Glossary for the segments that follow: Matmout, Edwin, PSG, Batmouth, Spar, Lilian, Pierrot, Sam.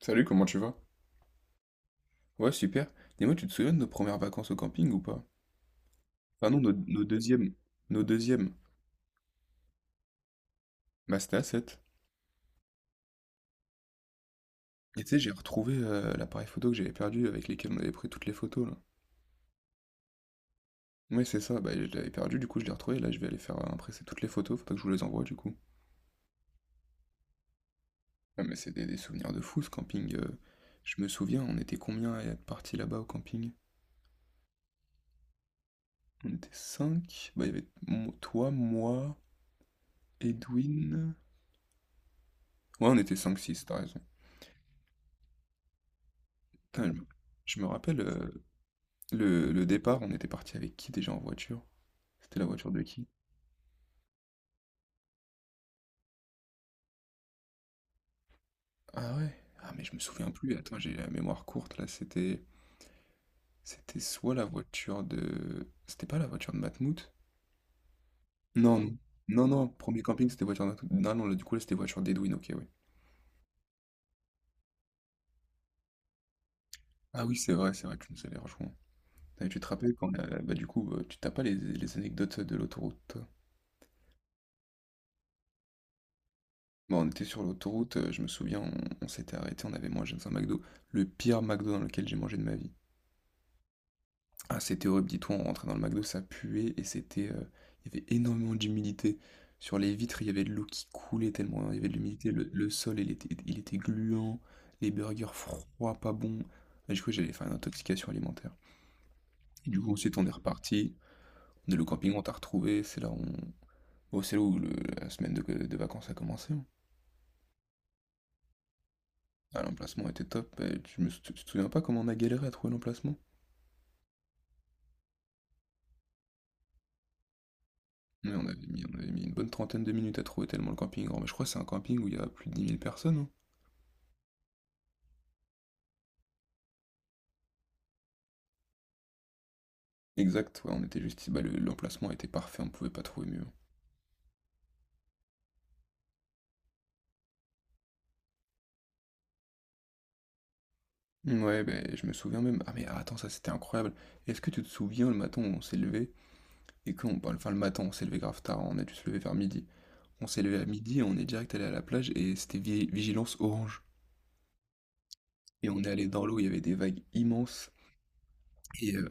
Salut, comment tu vas? Ouais, super. Dis-moi, tu te souviens de nos premières vacances au camping ou pas? Enfin non, nos deuxièmes. Nos deuxièmes. Bah c'était à 7. Et tu sais, j'ai retrouvé l'appareil photo que j'avais perdu avec lesquels on avait pris toutes les photos là. Ouais, c'est ça, bah je l'avais perdu, du coup je l'ai retrouvé, là je vais aller faire impresser toutes les photos, faudra que je vous les envoie du coup. Ah mais c'est des souvenirs de fou ce camping. Je me souviens, on était combien à être partis là-bas au camping? On était 5. Bah il y avait toi, moi, Edwin. Ouais, on était cinq, six. T'as raison. Putain, je me rappelle, le départ, on était parti avec qui déjà en voiture? C'était la voiture de qui? Ah ouais? Ah mais je me souviens plus, attends, j'ai la mémoire courte là, c'était soit la voiture de c'était pas la voiture de Matmout? Non, non. Non non, premier camping, c'était voiture de Matmout. Non non, là, du coup là, c'était voiture d'Edwin, OK, oui. Ah oui, c'est vrai, tu nous avais rejoints. Tu te rappelles quand bah du coup, tu t'as pas les, les anecdotes de l'autoroute toi? Bon, on était sur l'autoroute, je me souviens, on s'était arrêté, on avait mangé dans un McDo, le pire McDo dans lequel j'ai mangé de ma vie. Ah, c'était horrible, dis-toi, on rentrait dans le McDo, ça puait et c'était, il y avait énormément d'humidité. Sur les vitres, il y avait de l'eau qui coulait tellement hein. Il y avait de l'humidité. Le sol, il était gluant, les burgers froids, pas bons. Là, j'ai cru j'allais faire une intoxication alimentaire. Et du coup, ensuite, on est reparti. De le camping, on t'a retrouvé, c'est là où c'est là où le la semaine de vacances a commencé, hein. Ah, l'emplacement était top et tu te souviens pas comment on a galéré à trouver l'emplacement? Mais on avait mis une bonne 30aine de minutes à trouver tellement le camping est grand. Mais je crois que c'est un camping où il y a plus de 10 000 personnes, hein? Exact, ouais, on était juste ici, bah, le l'emplacement était parfait, on pouvait pas trouver mieux. Ouais, ben, je me souviens même. Ah mais attends, ça c'était incroyable. Est-ce que tu te souviens le matin où on s'est levé et qu'on parle, enfin le matin on s'est levé grave tard, on a dû se lever vers midi. On s'est levé à midi et on est direct allé à la plage et c'était vigilance orange. Et on est allé dans l'eau, il y avait des vagues immenses et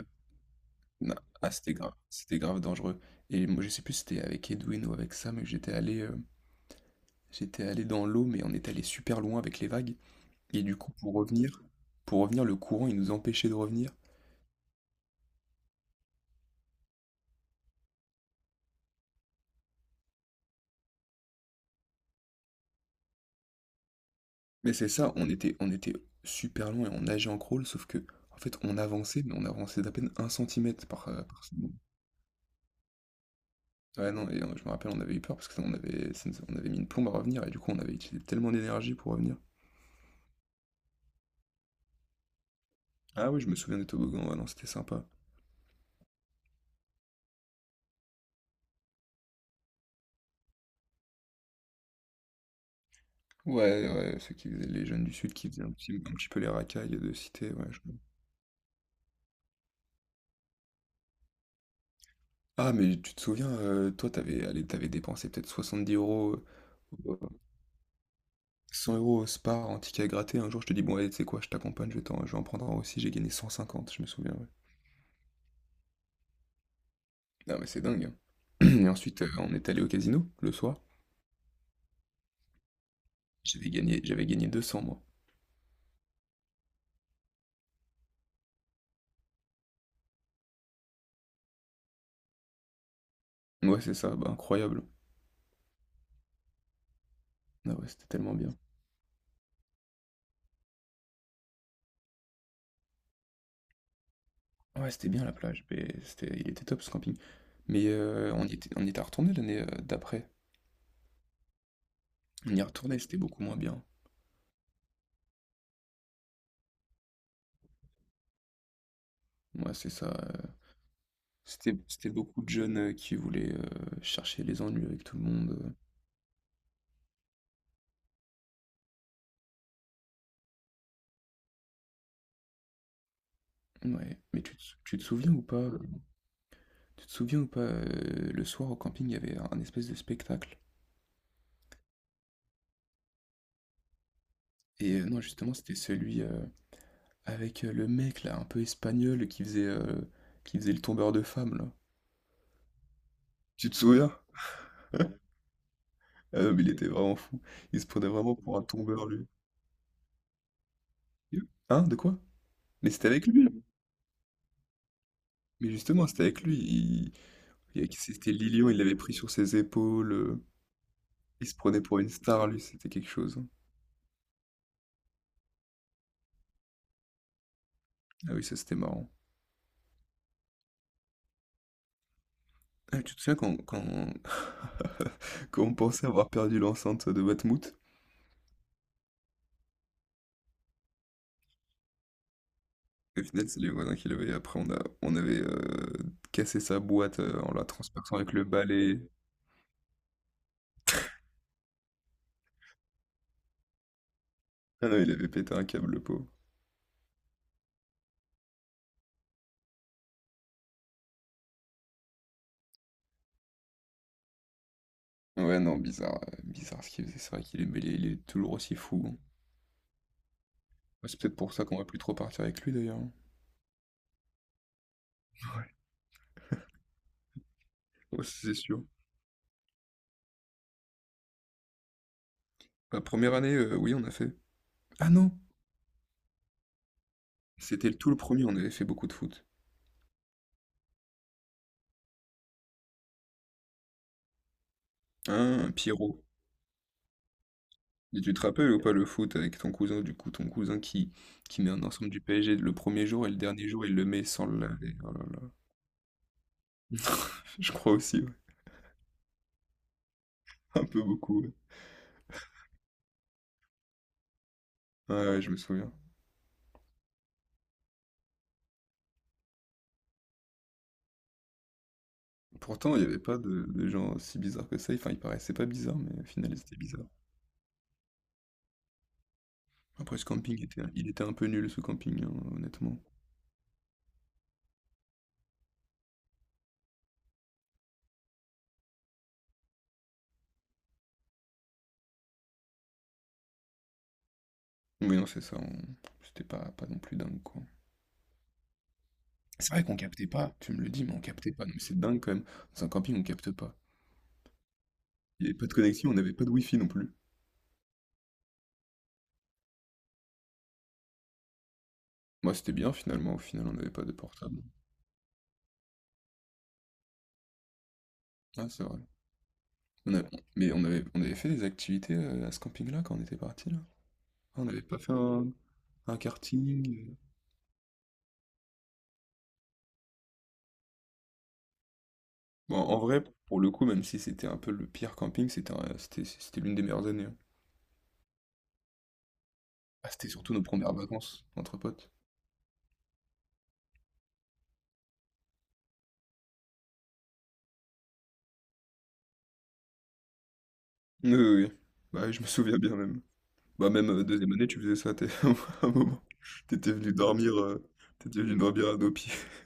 na- ah c'était grave dangereux. Et moi je sais plus si c'était avec Edwin ou avec Sam, mais j'étais allé dans l'eau mais on est allé super loin avec les vagues. Et du coup, pour revenir, le courant, il nous empêchait de revenir. Mais c'est ça, on était super loin et on nageait en crawl, sauf que, en fait, on avançait, mais on avançait d'à peine un centimètre par, par seconde. Ouais, non et je me rappelle, on avait eu peur parce que ça on avait ça nous on avait mis une plombe à revenir et du coup, on avait utilisé tellement d'énergie pour revenir. Ah oui, je me souviens des toboggans, ouais, non, c'était sympa. Ouais, ouais, ceux qui faisaient les jeunes du sud qui faisaient un petit peu les racailles de cité, ouais, je ah mais tu te souviens, toi, t'avais, allez, t'avais dépensé peut-être 70 euros. euh, 100 € au Spar en ticket à gratter. Un jour, je te dis, bon, allez, tu sais quoi, je t'accompagne, je vais en prendre un aussi. J'ai gagné 150, je me souviens, ouais. Non, mais c'est dingue, hein. Et ensuite, on est allé au casino le soir. J'avais gagné 200, moi. Ouais, c'est ça, bah, incroyable. Ah ouais, c'était tellement bien. Ouais, c'était bien la plage. Mais c'était, il était top ce camping. Mais on y était retourné l'année d'après. On y est retourné, c'était beaucoup moins bien. Ouais, c'est ça. C'était, c'était beaucoup de jeunes qui voulaient chercher les ennuis avec tout le monde. Ouais, mais tu te souviens ou pas? Tu te souviens ou pas, le soir au camping, il y avait un espèce de spectacle. Et non, justement, c'était celui avec le mec là, un peu espagnol, qui faisait le tombeur de femmes là. Tu te souviens? Ah non, mais il était vraiment fou. Il se prenait vraiment pour un tombeur, lui. Hein, de quoi? Mais c'était avec lui là. Mais justement, c'était avec lui. Il... c'était Lilian, il l'avait pris sur ses épaules. Il se prenait pour une star, lui. C'était quelque chose, hein. Ah oui, ça c'était marrant. Ah, tu te souviens quand... quand on pensait avoir perdu l'enceinte de Batmouth? Au final, c'est les voisins qui l'avaient. Après, on avait cassé sa boîte en la transperçant avec le balai. Ah non, il avait pété un câble, le pauvre. Ouais, non, bizarre ce qu'il faisait. C'est vrai mais il est toujours aussi fou, hein. Ouais, c'est peut-être pour ça qu'on va plus trop partir avec lui, d'ailleurs, hein. Ouais, c'est sûr. La première année, oui, on a fait. Ah non! C'était tout le premier, on avait fait beaucoup de foot. Hein, Pierrot. Et tu te rappelles ou pas le foot avec ton cousin, du coup, qui met un ensemble du PSG le premier jour et le dernier jour, il le met sans le laver. Oh je crois aussi, ouais. Un peu beaucoup, ouais. Ouais, ouais, je me souviens. Pourtant, il n'y avait pas de gens si bizarres que ça. Enfin, il paraissait pas bizarre, mais au final, c'était bizarre. Après, il était un peu nul, ce camping, hein, honnêtement. Mais non, c'est ça, c'était pas, pas non plus dingue, quoi. C'est vrai qu'on captait pas, tu me le dis, mais on captait pas. Non, mais c'est dingue, quand même. Dans un camping, on capte pas. Il n'y avait pas de connexion, on n'avait pas de wifi non plus. Moi, c'était bien, finalement. Au final, on n'avait pas de portable. Ah, c'est vrai. On a- Mais on avait fait des activités à ce camping-là quand on était parti, là. On n'avait pas fait un karting. Bon, en vrai, pour le coup, même si c'était un peu le pire camping, c'était c'était l'une des meilleures années, hein. Ah, c'était surtout nos premières vacances entre potes. Oui, oui, oui. Bah, je me souviens bien même. Bah, même deuxième année, tu faisais ça, à un moment. T'étais venu dormir, euh, t'étais venu dormir à nos pieds.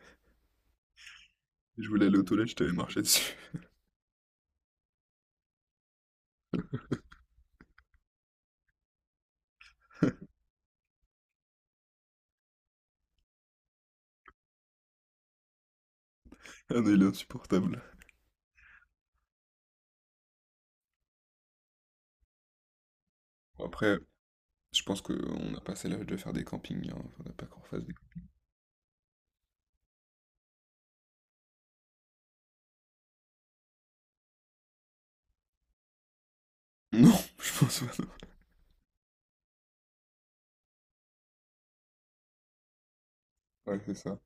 Je voulais aller aux toilettes, je t'avais marché dessus. Ah non, il est insupportable. Bon, après, je pense qu'on a passé l'âge de faire des campings, hein. Faudrait pas qu'on fasse des... non, je pense pas, non. Ouais, c'est ça.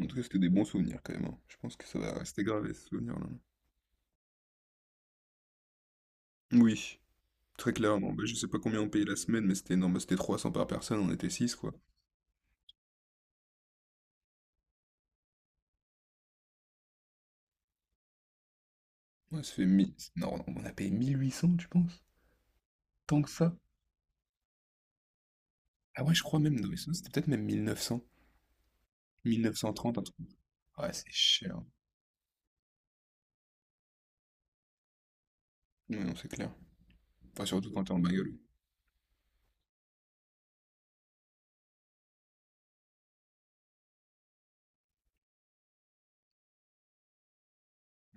En tout cas, c'était des bons souvenirs quand même, hein. Je pense que ça va rester gravé ce souvenir-là. Oui, très clairement. Bah, je sais pas combien on payait la semaine, mais c'était énorme. Bah, c'était 300 par personne, on était six, quoi. Ouais, ça fait 1000. Non, non, on a payé 1800, tu penses? Tant que ça? Ah ouais, je crois même. Non, mais sinon, c'était peut-être même 1900. 1930, un truc. Ouais, c'est cher. Ouais, non, c'est clair. Enfin, surtout quand t'es en bagnole.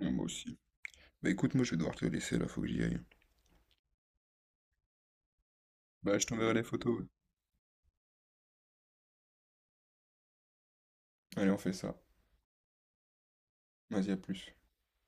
Ouais, moi aussi. Bah écoute, moi je vais devoir te laisser là, faut que j'y aille. Bah, je t'enverrai les photos, ouais. Allez, on fait ça. Vas-y, à plus.